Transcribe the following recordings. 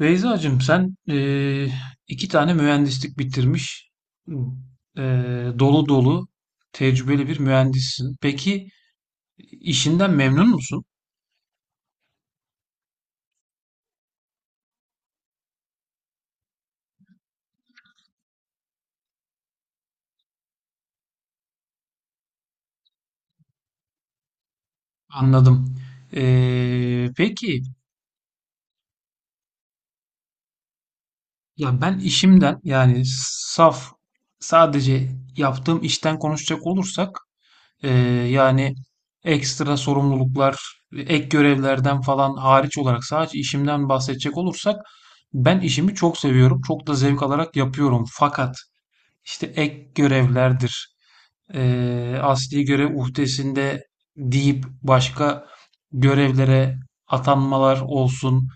Beyzacığım sen iki tane mühendislik bitirmiş, dolu dolu tecrübeli bir mühendissin. Peki işinden memnun musun? Anladım. Peki ya ben işimden yani saf sadece yaptığım işten konuşacak olursak Ee, yani ekstra sorumluluklar, ek görevlerden falan hariç olarak sadece işimden bahsedecek olursak ben işimi çok seviyorum. Çok da zevk alarak yapıyorum. Fakat işte ek görevlerdir, asli görev uhdesinde deyip başka görevlere atanmalar olsun,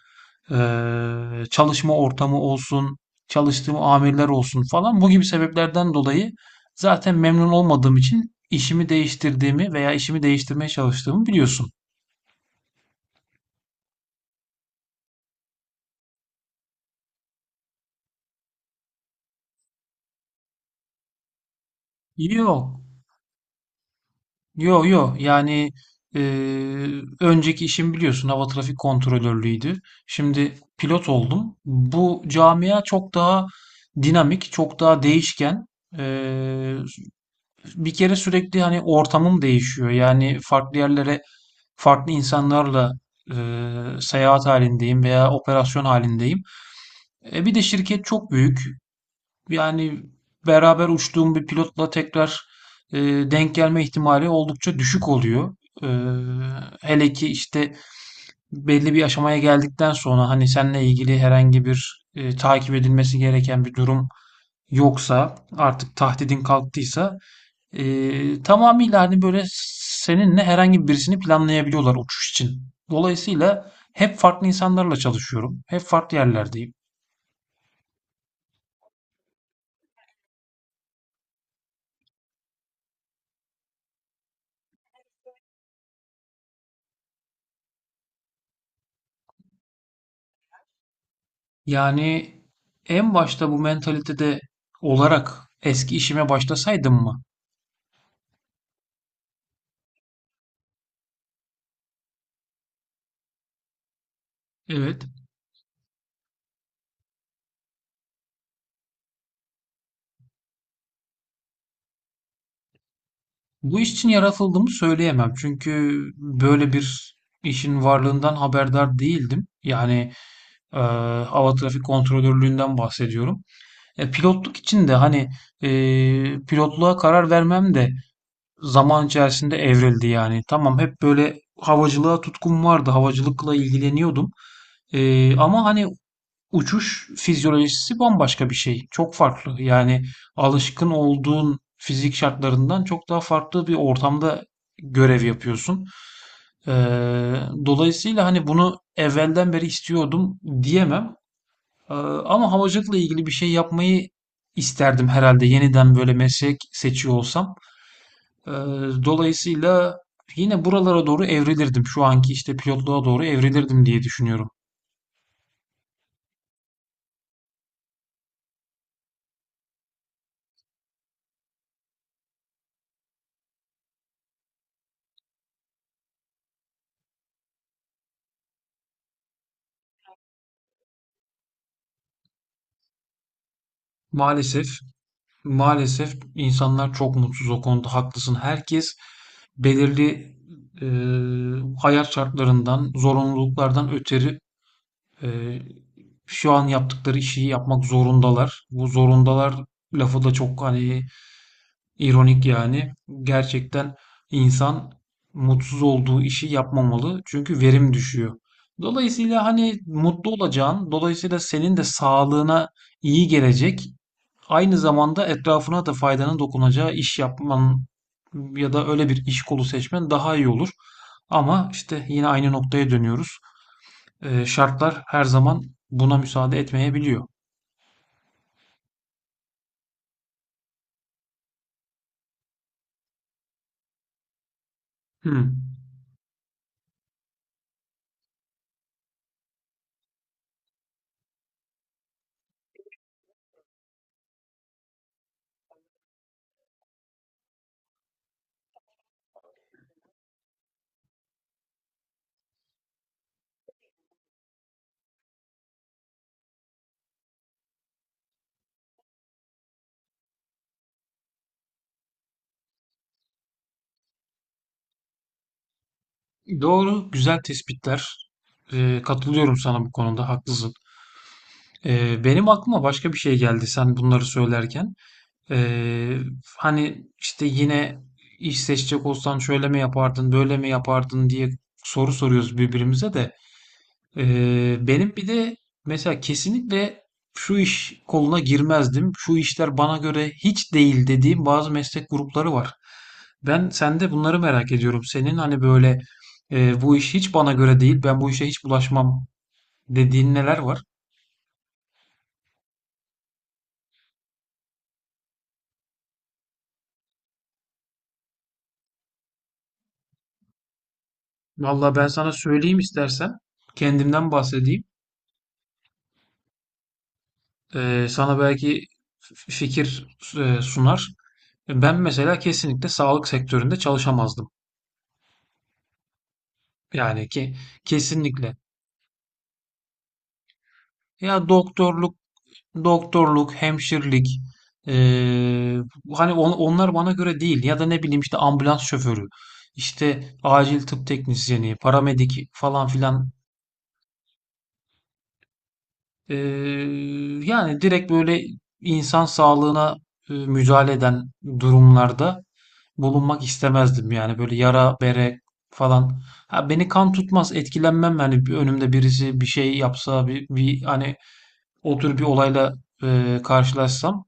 çalışma ortamı olsun, çalıştığım amirler olsun falan bu gibi sebeplerden dolayı zaten memnun olmadığım için işimi değiştirdiğimi veya işimi değiştirmeye çalıştığımı biliyorsun. Yok. Yo, yo, yani e, önceki işim biliyorsun hava trafik kontrolörlüğüydü. Şimdi pilot oldum. Bu camia çok daha dinamik, çok daha değişken. E, Bir kere sürekli hani ortamım değişiyor. Yani farklı yerlere farklı insanlarla e, seyahat halindeyim veya operasyon halindeyim. Bir de şirket çok büyük. Yani beraber uçtuğum bir pilotla tekrar e, denk gelme ihtimali oldukça düşük oluyor. E, Hele ki işte belli bir aşamaya geldikten sonra hani seninle ilgili herhangi bir takip edilmesi gereken bir durum yoksa, artık tahdidin kalktıysa, e, tamamıyla hani böyle seninle herhangi birisini planlayabiliyorlar uçuş için. Dolayısıyla hep farklı insanlarla çalışıyorum. Hep farklı yerlerdeyim. Yani en başta bu mentalitede olarak eski işime başlasaydım mı? Evet. Bu iş için yaratıldığımı söyleyemem. Çünkü böyle bir işin varlığından haberdar değildim. Yani eee hava trafik kontrolörlüğünden bahsediyorum. E, pilotluk için de hani pilotluğa karar vermem de zaman içerisinde evrildi yani. Tamam, hep böyle havacılığa tutkum vardı. Havacılıkla ilgileniyordum. Ama hani uçuş fizyolojisi bambaşka bir şey. Çok farklı. Yani alışkın olduğun fizik şartlarından çok daha farklı bir ortamda görev yapıyorsun. Ee, Dolayısıyla hani bunu evvelden beri istiyordum diyemem. Ama havacılıkla ilgili bir şey yapmayı isterdim herhalde yeniden böyle meslek seçiyor olsam. Ee, Dolayısıyla yine buralara doğru evrilirdim. Şu anki işte pilotluğa doğru evrilirdim diye düşünüyorum. Maalesef, maalesef insanlar çok mutsuz, o konuda haklısın. Herkes belirli hayat şartlarından, zorunluluklardan ötürü Ee, şu an yaptıkları işi yapmak zorundalar. Bu zorundalar lafı da çok hani ironik yani. Gerçekten insan mutsuz olduğu işi yapmamalı. Çünkü verim düşüyor. Dolayısıyla hani mutlu olacağın, dolayısıyla senin de sağlığına iyi gelecek, aynı zamanda etrafına da faydanın dokunacağı iş yapman ya da öyle bir iş kolu seçmen daha iyi olur. Ama işte yine aynı noktaya dönüyoruz. Şartlar her zaman buna müsaade etmeyebiliyor. Hmm. Doğru, güzel tespitler. Katılıyorum sana bu konuda, haklısın. Benim aklıma başka bir şey geldi sen bunları söylerken. Ee, Hani işte yine iş seçecek olsan şöyle mi yapardın, böyle mi yapardın diye soru soruyoruz birbirimize de. Benim bir de mesela kesinlikle şu iş koluna girmezdim. Şu işler bana göre hiç değil dediğim bazı meslek grupları var. Ben sende bunları merak ediyorum. Senin hani böyle bu iş hiç bana göre değil, ben bu işe hiç bulaşmam dediğin neler var? Vallahi ben sana söyleyeyim istersen. Kendimden bahsedeyim. Sana belki fikir sunar. Ben mesela kesinlikle sağlık sektöründe çalışamazdım. Yani ki kesinlikle. Ya doktorluk, doktorluk, hemşirlik, eee, hani onlar bana göre değil. Ya da ne bileyim işte ambulans şoförü, işte acil tıp teknisyeni, paramedik falan filan. Eee, Yani direkt böyle insan sağlığına müdahale eden durumlarda bulunmak istemezdim. Yani böyle yara bere falan. Ha, beni kan tutmaz, etkilenmem. Yani bir önümde birisi bir şey yapsa, bir, hani o tür bir olayla karşılaşsam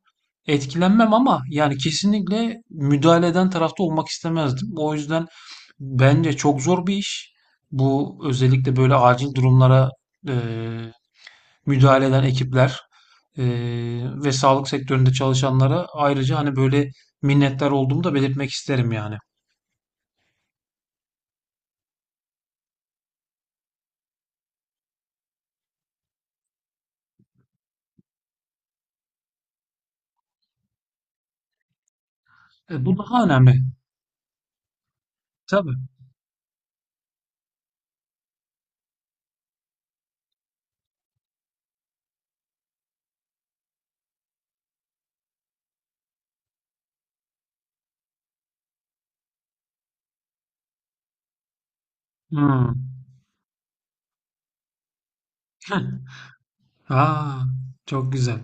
etkilenmem, ama yani kesinlikle müdahale eden tarafta olmak istemezdim. O yüzden bence çok zor bir iş. Bu özellikle böyle acil durumlara e, müdahale eden ekipler e, ve sağlık sektöründe çalışanlara ayrıca hani böyle minnettar olduğumu da belirtmek isterim yani. Bu daha önemli. Tabii. Hmm. Aa, çok güzel.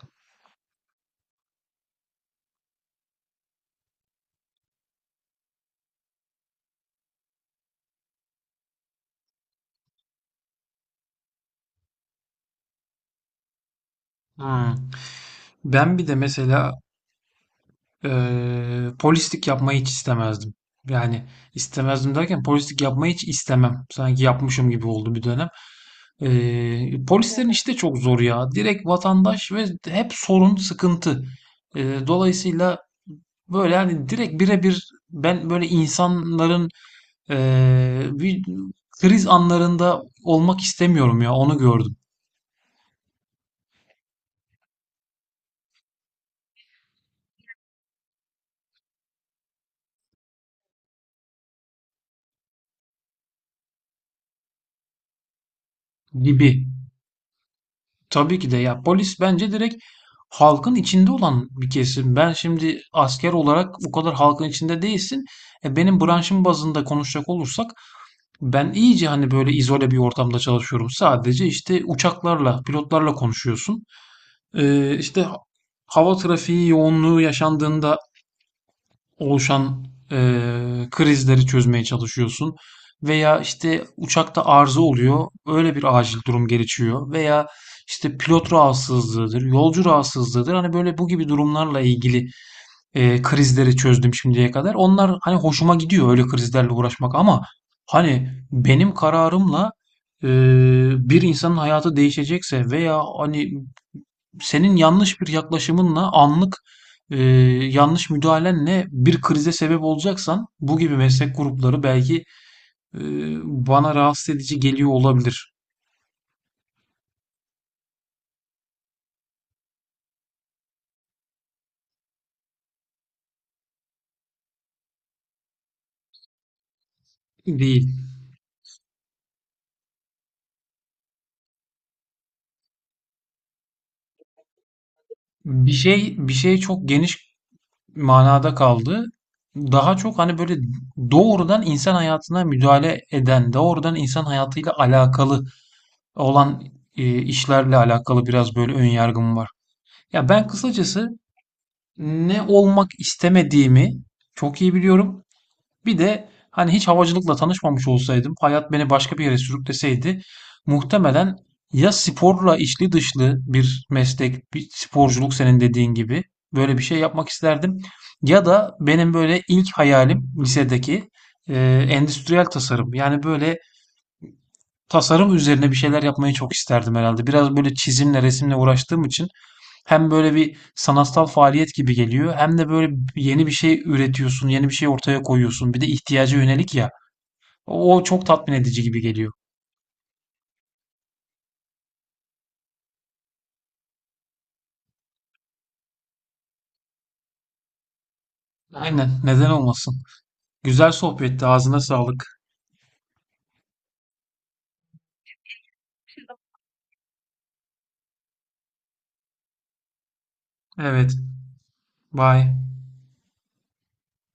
Hmm. Ben bir de mesela polislik yapmayı hiç istemezdim. Yani istemezdim derken polislik yapmayı hiç istemem. Sanki yapmışım gibi oldu bir dönem. Polislerin Evet. işi de çok zor ya. Direkt vatandaş ve hep sorun, sıkıntı. Dolayısıyla böyle yani direkt birebir ben böyle insanların bir kriz anlarında olmak istemiyorum ya, onu gördüm gibi. Tabii ki de ya, polis bence direkt halkın içinde olan bir kesim. Ben şimdi asker olarak o kadar halkın içinde değilsin. Benim branşım bazında konuşacak olursak ben iyice hani böyle izole bir ortamda çalışıyorum. Sadece işte uçaklarla, pilotlarla konuşuyorsun. İşte hava trafiği yoğunluğu yaşandığında oluşan krizleri çözmeye çalışıyorsun. Veya işte uçakta arıza oluyor, öyle bir acil durum gelişiyor. Veya işte pilot rahatsızlığıdır, yolcu rahatsızlığıdır. Hani böyle bu gibi durumlarla ilgili krizleri çözdüm şimdiye kadar. Onlar hani hoşuma gidiyor, öyle krizlerle uğraşmak. Ama hani benim kararımla eee, bir insanın hayatı değişecekse veya hani senin yanlış bir yaklaşımınla anlık e, yanlış müdahalenle bir krize sebep olacaksan, bu gibi meslek grupları belki e, bana rahatsız edici geliyor olabilir. Değil. Bir şey çok geniş manada kaldı. Daha çok hani böyle doğrudan insan hayatına müdahale eden, doğrudan insan hayatıyla alakalı olan işlerle alakalı biraz böyle ön yargım var. Ya ben kısacası ne olmak istemediğimi çok iyi biliyorum. Bir de hani hiç havacılıkla tanışmamış olsaydım, hayat beni başka bir yere sürükleseydi muhtemelen ya sporla içli dışlı bir meslek, bir sporculuk senin dediğin gibi böyle bir şey yapmak isterdim. Ya da benim böyle ilk hayalim lisedeki e, endüstriyel tasarım. Yani böyle tasarım üzerine bir şeyler yapmayı çok isterdim herhalde. Biraz böyle çizimle, resimle uğraştığım için hem böyle bir sanatsal faaliyet gibi geliyor, hem de böyle yeni bir şey üretiyorsun, yeni bir şey ortaya koyuyorsun. Bir de ihtiyaca yönelik ya. O çok tatmin edici gibi geliyor. Aynen, neden olmasın. Güzel sohbetti. Ağzına sağlık. Evet, bay.